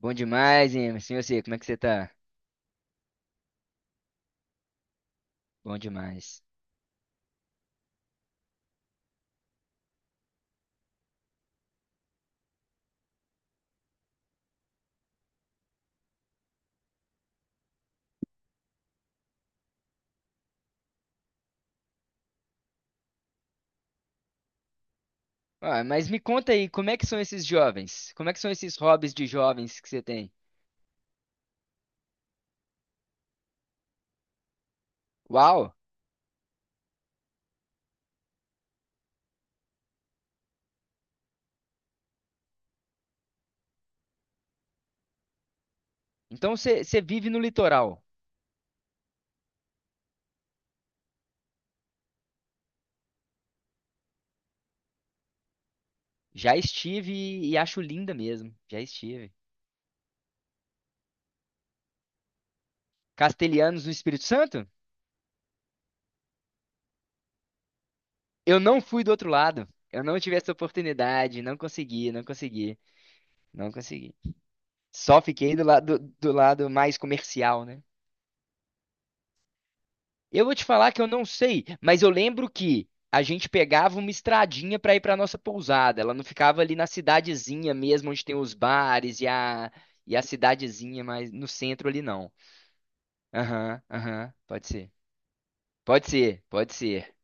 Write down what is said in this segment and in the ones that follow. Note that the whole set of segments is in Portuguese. Bom demais, Emerson. E você, como é que você tá? Bom demais. Ah, mas me conta aí, como é que são esses jovens? Como é que são esses hobbies de jovens que você tem? Uau! Então você vive no litoral. Já estive e acho linda mesmo. Já estive. Castelhanos no Espírito Santo? Eu não fui do outro lado. Eu não tive essa oportunidade. Não consegui. Só fiquei do lado mais comercial, né? Eu vou te falar que eu não sei, mas eu lembro que a gente pegava uma estradinha para ir para nossa pousada. Ela não ficava ali na cidadezinha mesmo, onde tem os bares e a cidadezinha, mas no centro ali não. Aham, aham, pode ser. Pode ser, pode ser.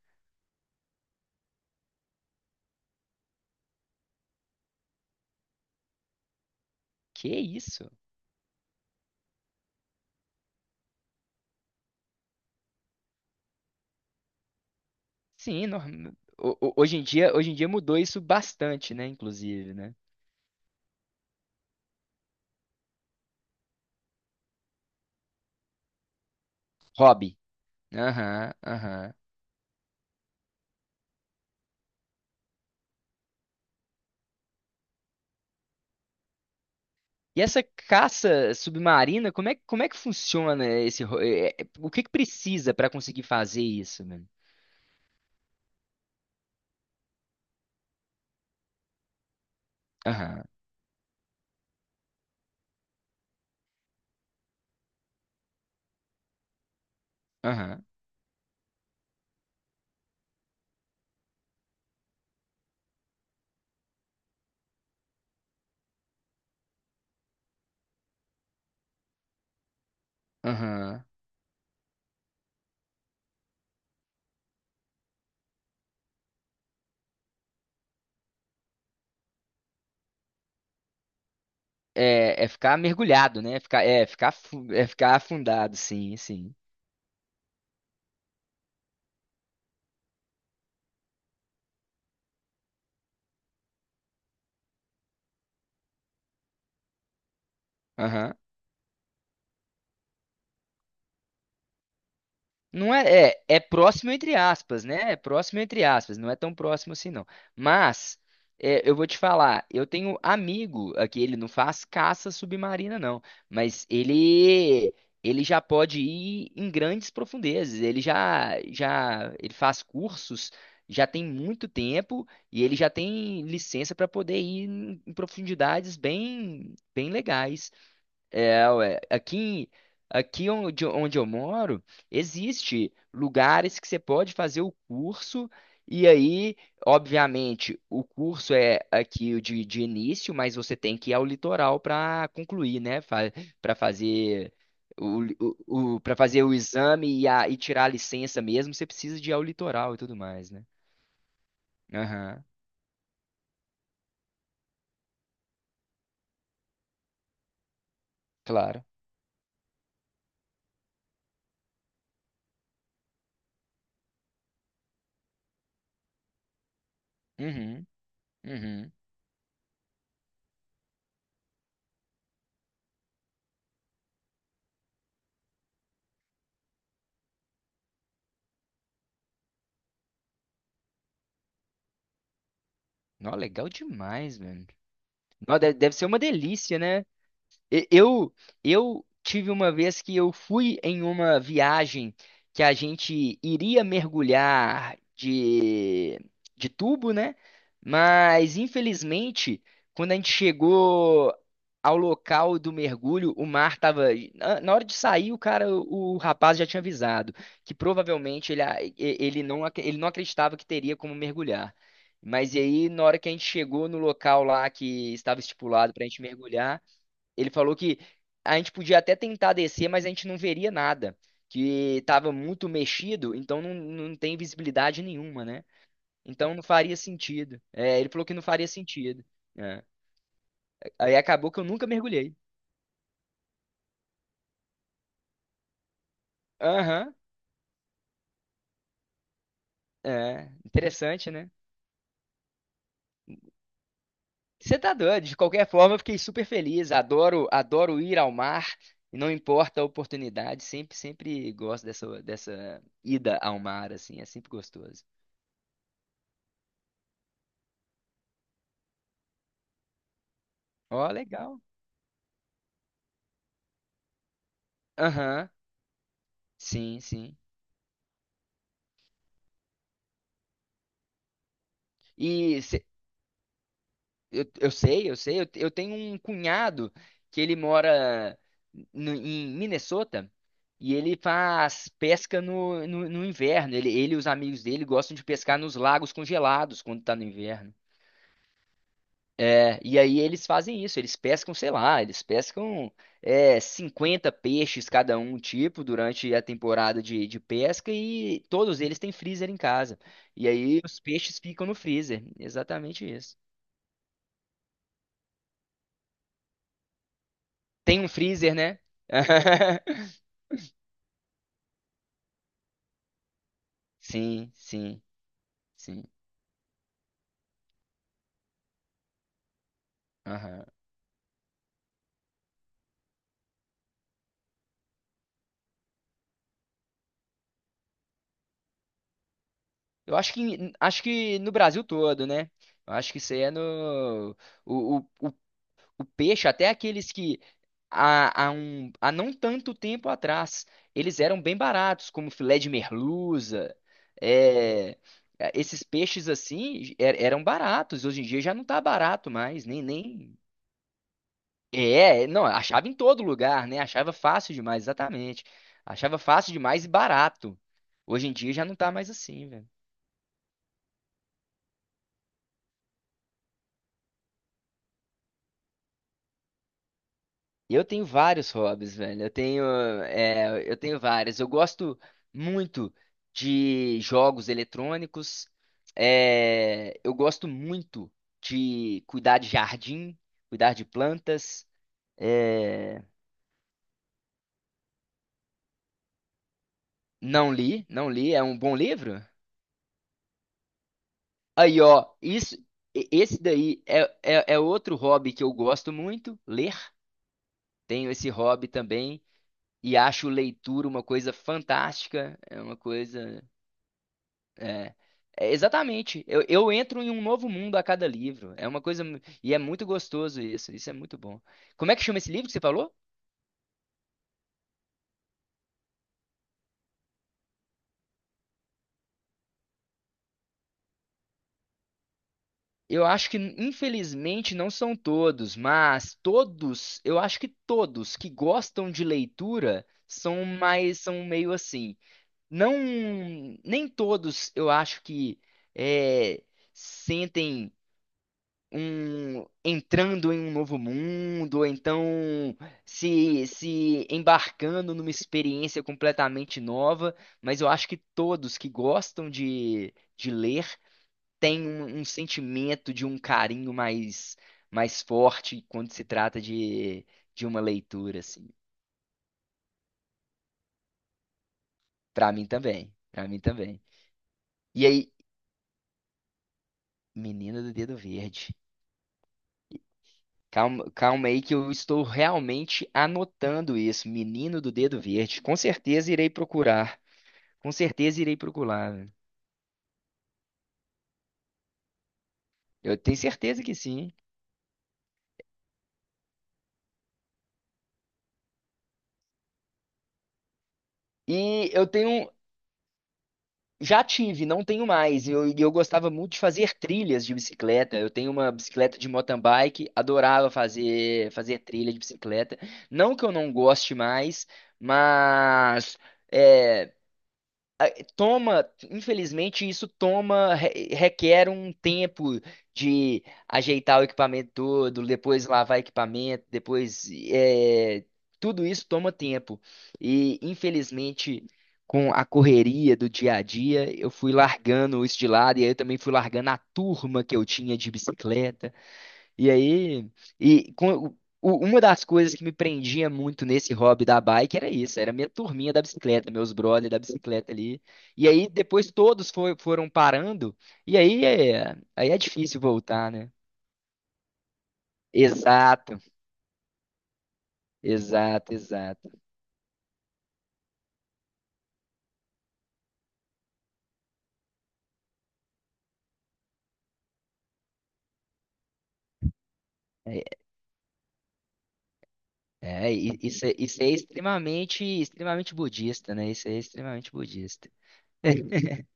Que isso? Sim, nor- hoje em dia, hoje em dia mudou isso bastante, né? Inclusive, né? Hobby. Aham, aham. E essa caça submarina, como é que funciona esse. Ro- é, é, o que que precisa para conseguir fazer isso, mano? Aham, aham, aham. É, é ficar mergulhado, né? É ficar, ficar, é ficar afundado, sim, sim. Não é, é, é próximo entre aspas, né? É próximo entre aspas, não é tão próximo assim, não. Mas, é, eu vou te falar, eu tenho amigo aqui, ele não faz caça submarina, não, mas ele já pode ir em grandes profundezas, ele já, já ele faz cursos, já tem muito tempo e ele já tem licença para poder ir em profundidades bem, bem legais. É, ué. Aqui, aqui onde, onde eu moro, existe lugares que você pode fazer o curso, e aí, obviamente, o curso é aqui o de início, mas você tem que ir ao litoral para concluir, né? Fa Para fazer o, para fazer o exame e, a, e tirar a licença mesmo, você precisa de ir ao litoral e tudo mais, né? Aham, claro. Uhum, uhum. Nó, legal demais, velho. Nó, deve ser uma delícia, né? E- Eu, eu tive uma vez que eu fui em uma viagem que a gente iria mergulhar de tubo, né? Mas, infelizmente, quando a gente chegou ao local do mergulho, o mar estava. Na hora de sair, o cara, o rapaz já tinha avisado que provavelmente ele, ele não, ele não acreditava que teria como mergulhar. Mas e aí, na hora que a gente chegou no local lá que estava estipulado para a gente mergulhar, ele falou que a gente podia até tentar descer, mas a gente não veria nada, que estava muito mexido, então não, não tem visibilidade nenhuma, né? Então não faria sentido. É, ele falou que não faria sentido. É. Aí acabou que eu nunca mergulhei. Aham, é, interessante, né? Você tá doido. De qualquer forma, eu fiquei super feliz. Adoro, adoro ir ao mar. E não importa a oportunidade, sempre, sempre gosto dessa, dessa ida ao mar, assim, é sempre gostoso. Ó, legal. Aham, sim, sim. E se- eu sei, eu sei, eu tenho um cunhado que ele mora em Minnesota e ele faz pesca no inverno. Ele e os amigos dele gostam de pescar nos lagos congelados quando tá no inverno. É, e aí eles fazem isso, eles pescam, sei lá, eles pescam 50 peixes cada um tipo durante a temporada de pesca e todos eles têm freezer em casa. E aí os peixes ficam no freezer. Exatamente isso. Tem um freezer, né? Sim, sim, sim. Aham. Eu acho que, acho que no Brasil todo, né? Eu acho que isso aí é no. O, o, o, o peixe, até aqueles que há não tanto tempo atrás, eles eram bem baratos, como filé de merluza. É, é, esses peixes assim eram baratos. Hoje em dia já não tá barato mais, nem, nem É, não, achava em todo lugar, né? Achava fácil demais, exatamente. Achava fácil demais e barato. Hoje em dia já não tá mais assim, velho. Eu tenho vários hobbies, velho. Eu tenho, é, eu tenho vários. Eu gosto muito de jogos eletrônicos. É, eu gosto muito de cuidar de jardim, cuidar de plantas. É, não li, não li. É um bom livro? Aí, ó, isso, esse daí é, é, é outro hobby que eu gosto muito, ler. Tenho esse hobby também e acho leitura uma coisa fantástica, é uma coisa, é, é exatamente. Eu entro em um novo mundo a cada livro. E é muito gostoso isso. Isso é muito bom. Como é que chama esse livro que você falou? Eu acho que infelizmente não são todos, mas todos, eu acho que todos que gostam de leitura são mais, são meio assim. Não, nem todos eu acho que é, sentem um entrando em um novo mundo ou então se embarcando numa experiência completamente nova, mas eu acho que todos que gostam de ler têm um, um sentimento de um carinho mais, mais forte quando se trata de uma leitura assim. Para mim também, para mim também. E aí Menina do Dedo Verde. Calma, calma aí que eu estou realmente anotando isso. Menino do Dedo Verde. Com certeza irei procurar. Com certeza irei procurar, velho. Eu tenho certeza que sim. E eu tenho. Já tive, não tenho mais. Eu, e eu gostava muito de fazer trilhas de bicicleta. Eu tenho uma bicicleta de mountain bike, adorava fazer, fazer trilha de bicicleta. Não que eu não goste mais, mas. É, toma, infelizmente, isso toma, requer um tempo de ajeitar o equipamento todo, depois lavar equipamento, depois é, tudo isso toma tempo. E infelizmente, com a correria do dia a dia, eu fui largando isso de lado e aí eu também fui largando a turma que eu tinha de bicicleta. E aí, e com, uma das coisas que me prendia muito nesse hobby da bike era isso, era minha turminha da bicicleta, meus brothers da bicicleta ali. E aí depois todos foram parando, e aí é difícil voltar, né? Exato, exato, exato. É, isso é extremamente, extremamente budista, né? Isso é extremamente budista.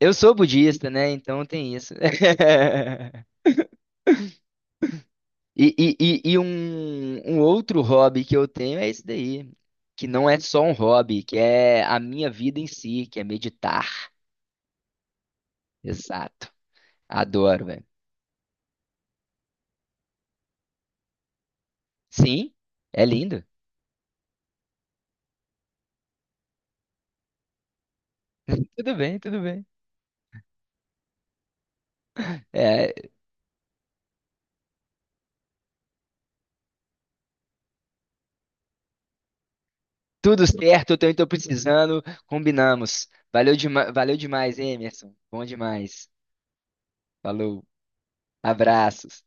Eu sou budista, né? Então tem isso. E um, um outro hobby que eu tenho é esse daí, que não é só um hobby, que é a minha vida em si, que é meditar. Exato. Adoro, velho. Sim, é lindo. Tudo bem, tudo bem. É, tudo certo, eu também tô precisando, combinamos. Valeu, valeu demais, hein, Emerson. Bom demais. Falou, abraços.